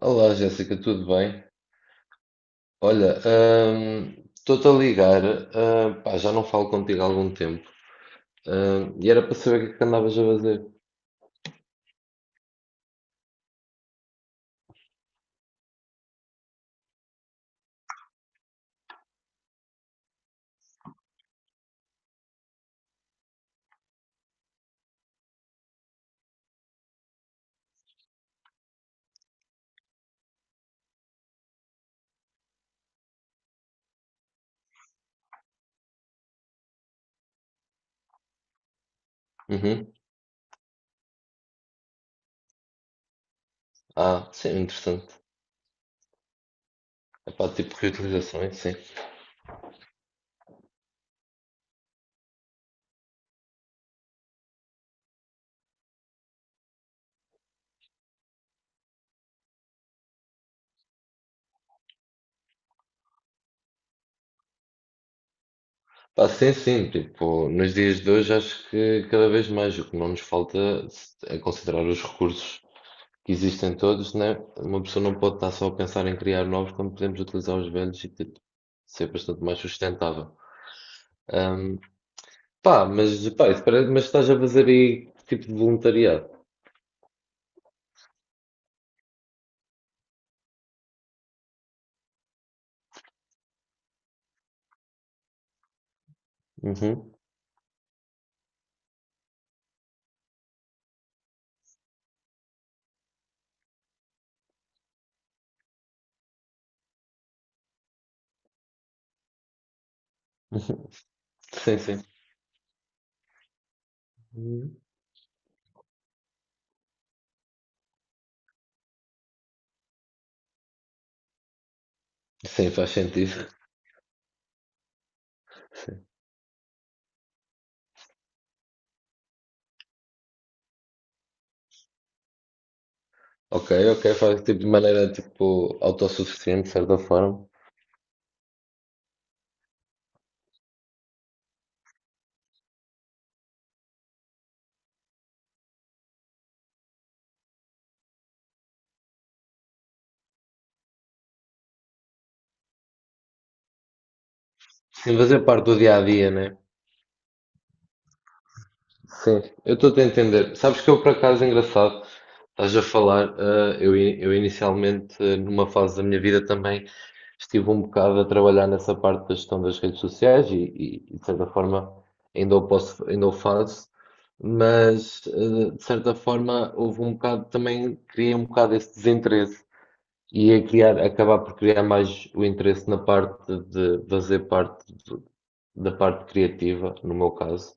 Olá, Jéssica, tudo bem? Olha, estou-te a ligar, pá, já não falo contigo há algum tempo, e era para saber o que é que andavas a fazer. Uhum. Ah, sim, interessante. Epá, tipo reutilizações, sim. Pá, sim, sim, tipo, nos dias de hoje acho que cada vez mais o que não nos falta é considerar os recursos que existem todos, né? Uma pessoa não pode estar só a pensar em criar novos quando podemos utilizar os velhos e tipo, ser bastante mais sustentável. Hum, Pá, mas, pá, isso parece, mas estás a fazer aí que tipo de voluntariado? Uhum. Uhum. Sim, sim. Uhum. Sim, faz sentido. Ok, ok, faz tipo de maneira tipo autossuficiente, de certa forma. Sim, fazer parte do dia a dia, né? Sim, eu estou a entender. Sabes que eu, por acaso, engraçado, estás a falar, eu, eu inicialmente, numa fase da minha vida também, estive um bocado a trabalhar nessa parte da gestão das redes sociais e, de certa forma, ainda o posso, ainda o faço, mas, de certa forma, houve um bocado, também criei um bocado esse desinteresse e a criar, acabar por criar mais o interesse na parte de fazer parte da parte criativa, no meu caso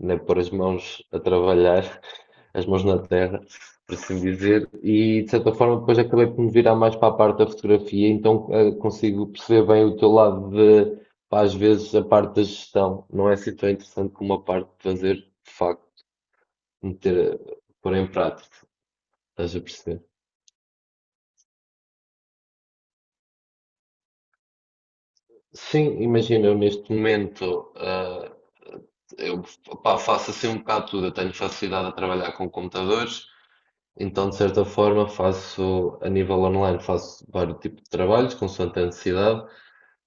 né, pôr as mãos a trabalhar, as mãos na terra, por assim dizer, e de certa forma depois acabei por me virar mais para a parte da fotografia, então consigo perceber bem o teu lado de, pá, às vezes, a parte da gestão. Não é assim tão interessante como a parte de fazer, de facto, meter, pôr em prática, estás a perceber? Sim, imagina, eu neste momento, eu pá, faço assim um bocado tudo. Eu tenho facilidade a trabalhar com computadores. Então, de certa forma, faço a nível online, faço vários tipos de trabalhos, consoante a necessidade,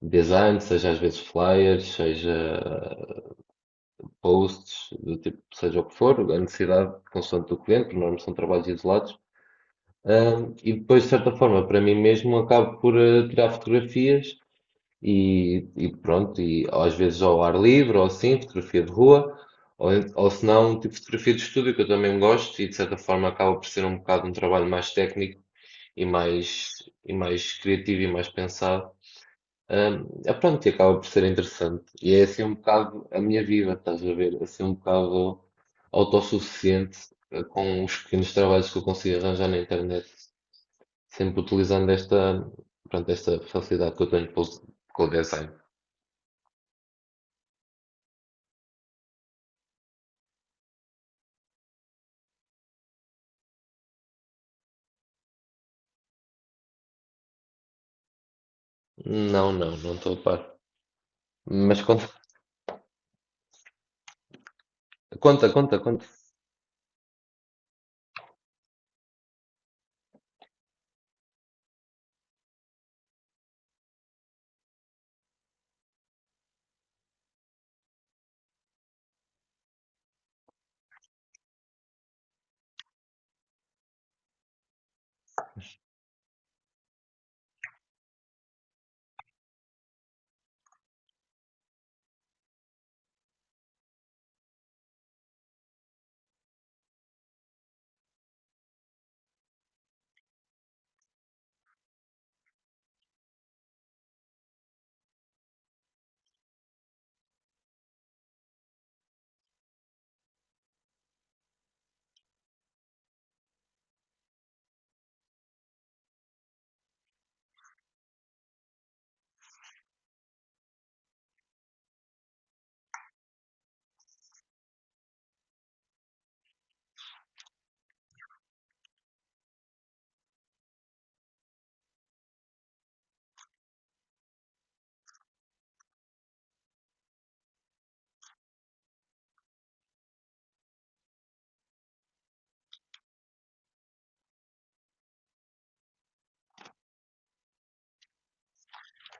design, seja às vezes flyers, seja posts, do tipo, seja o que for, a necessidade consoante do cliente, porque normalmente são trabalhos isolados. E depois, de certa forma, para mim mesmo, acabo por tirar fotografias e pronto, e às vezes ao ar livre, ou assim, fotografia de rua, ou, ou se não, um tipo fotografia de estúdio, que eu também gosto, e de certa forma acaba por ser um bocado um trabalho mais técnico e mais, e mais criativo e mais pensado. É pronto, e acaba por ser interessante. E é assim um bocado a minha vida, estás a ver? É assim um bocado autossuficiente com os pequenos trabalhos que eu consigo arranjar na internet, sempre utilizando esta, pronto, esta facilidade que eu tenho com o design. Não, não, não estou a par. Mas conta, conta, conta, conta.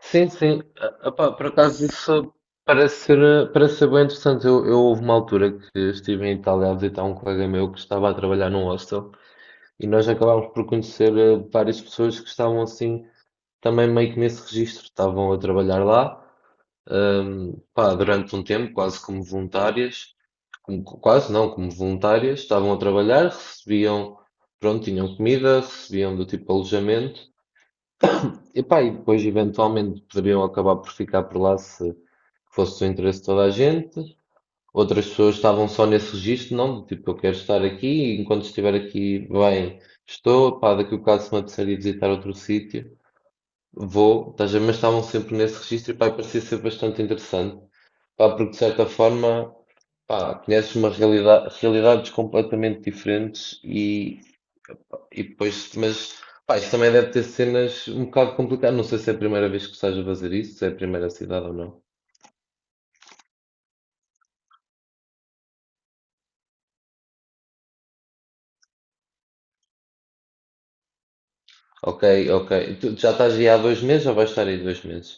Sim, sim. Ah, pá, por acaso isso parece ser, parece ser bem interessante. Eu houve uma altura que estive em Itália a visitar um colega meu que estava a trabalhar num hostel e nós acabámos por conhecer várias pessoas que estavam assim também meio que nesse registro. Estavam a trabalhar lá, pá, durante um tempo, quase como voluntárias, como- quase não, como voluntárias, estavam a trabalhar, recebiam, pronto, tinham comida, recebiam do tipo alojamento. Epá, e depois eventualmente poderiam acabar por ficar por lá se fosse do interesse de toda a gente. Outras pessoas estavam só nesse registro, não? Do tipo, eu quero estar aqui e enquanto estiver aqui, bem, estou. Pá, daqui a um bocado se me apetecer ir visitar outro sítio, vou. Estás a ver? Mas estavam sempre nesse registro e pá, e parecia ser bastante interessante. Pá, porque de certa forma, pá, conheces uma realidade, realidades completamente diferentes e depois, mas pá, isto também deve ter cenas um bocado complicadas. Não sei se é a primeira vez que estás a fazer isso, se é a primeira cidade ou não. Ok, ok. Tu já estás aí há dois meses ou vais estar aí dois meses?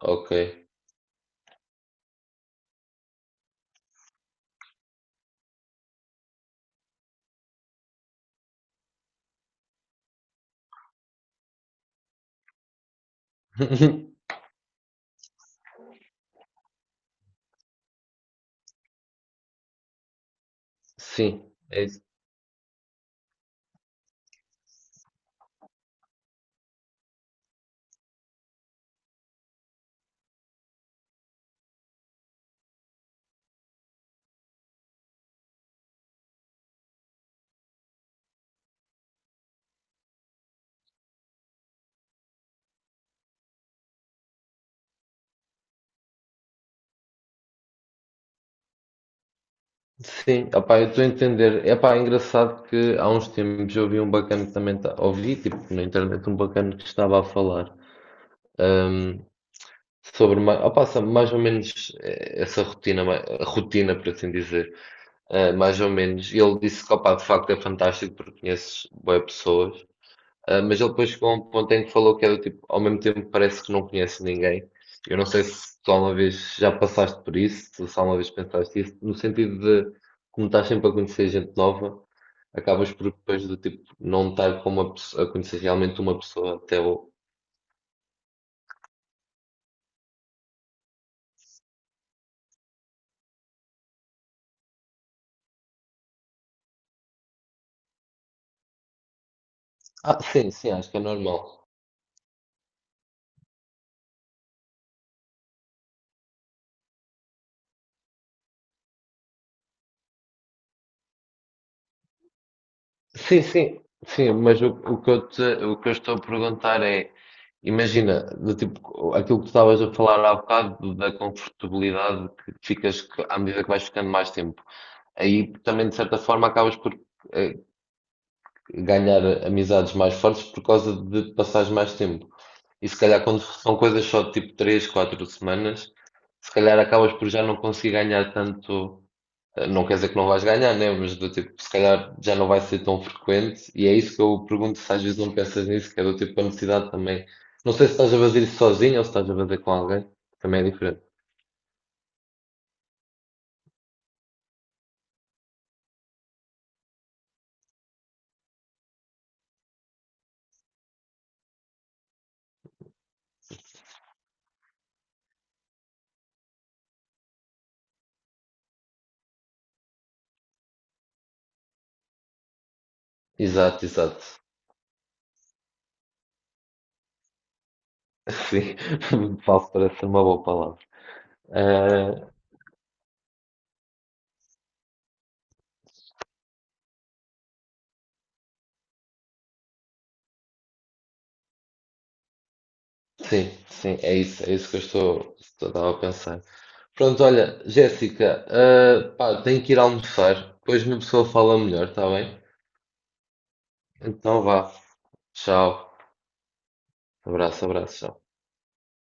Ok. Sim, é isso. Sim, opá, eu estou a entender. É pá, engraçado que há uns tempos eu ouvi um bacana que também tá, ouvi, tipo, na internet, um bacana que estava a falar ahm, sobre opá, sabe, mais ou menos essa rotina, rotina, por assim dizer. Mais ou menos. E ele disse que, opá, de facto é fantástico porque conheces boas pessoas. Mas ele depois chegou a um ponto em que falou que era tipo, ao mesmo tempo parece que não conhece ninguém. Eu não sei se tu alguma vez já passaste por isso, se só uma vez pensaste isso, no sentido de, como estás sempre a conhecer gente nova, acabas por depois do tipo, não estar com uma, pesso- a conhecer realmente uma pessoa até o... Ah, sim, sim, acho que é normal. Sim, sim, sim, mas o que eu te, o que eu estou a perguntar é, imagina, do tipo, aquilo que tu estavas a falar há bocado da confortabilidade que ficas que- à medida que vais ficando mais tempo. Aí também, de certa forma, acabas por eh, ganhar amizades mais fortes por causa de passares mais tempo. E se calhar quando são coisas só de tipo três quatro semanas, se calhar acabas por já não conseguir ganhar tanto não quer dizer que não vais ganhar, né? Mas do tipo, se calhar já não vai ser tão frequente. E é isso que eu pergunto se às vezes não pensas nisso, que é do tipo a necessidade também. Não sei se estás a fazer isso sozinho ou se estás a fazer com alguém. Também é diferente. Exato, exato. Sim, falso parece ser uma boa palavra. Ah, sim, sim, é isso que estou estava a pensar. Pronto, olha, Jéssica, pá, tenho que ir almoçar. Depois uma pessoa fala melhor, está bem? Então vá. Tchau. Abraço, abraço, tchau.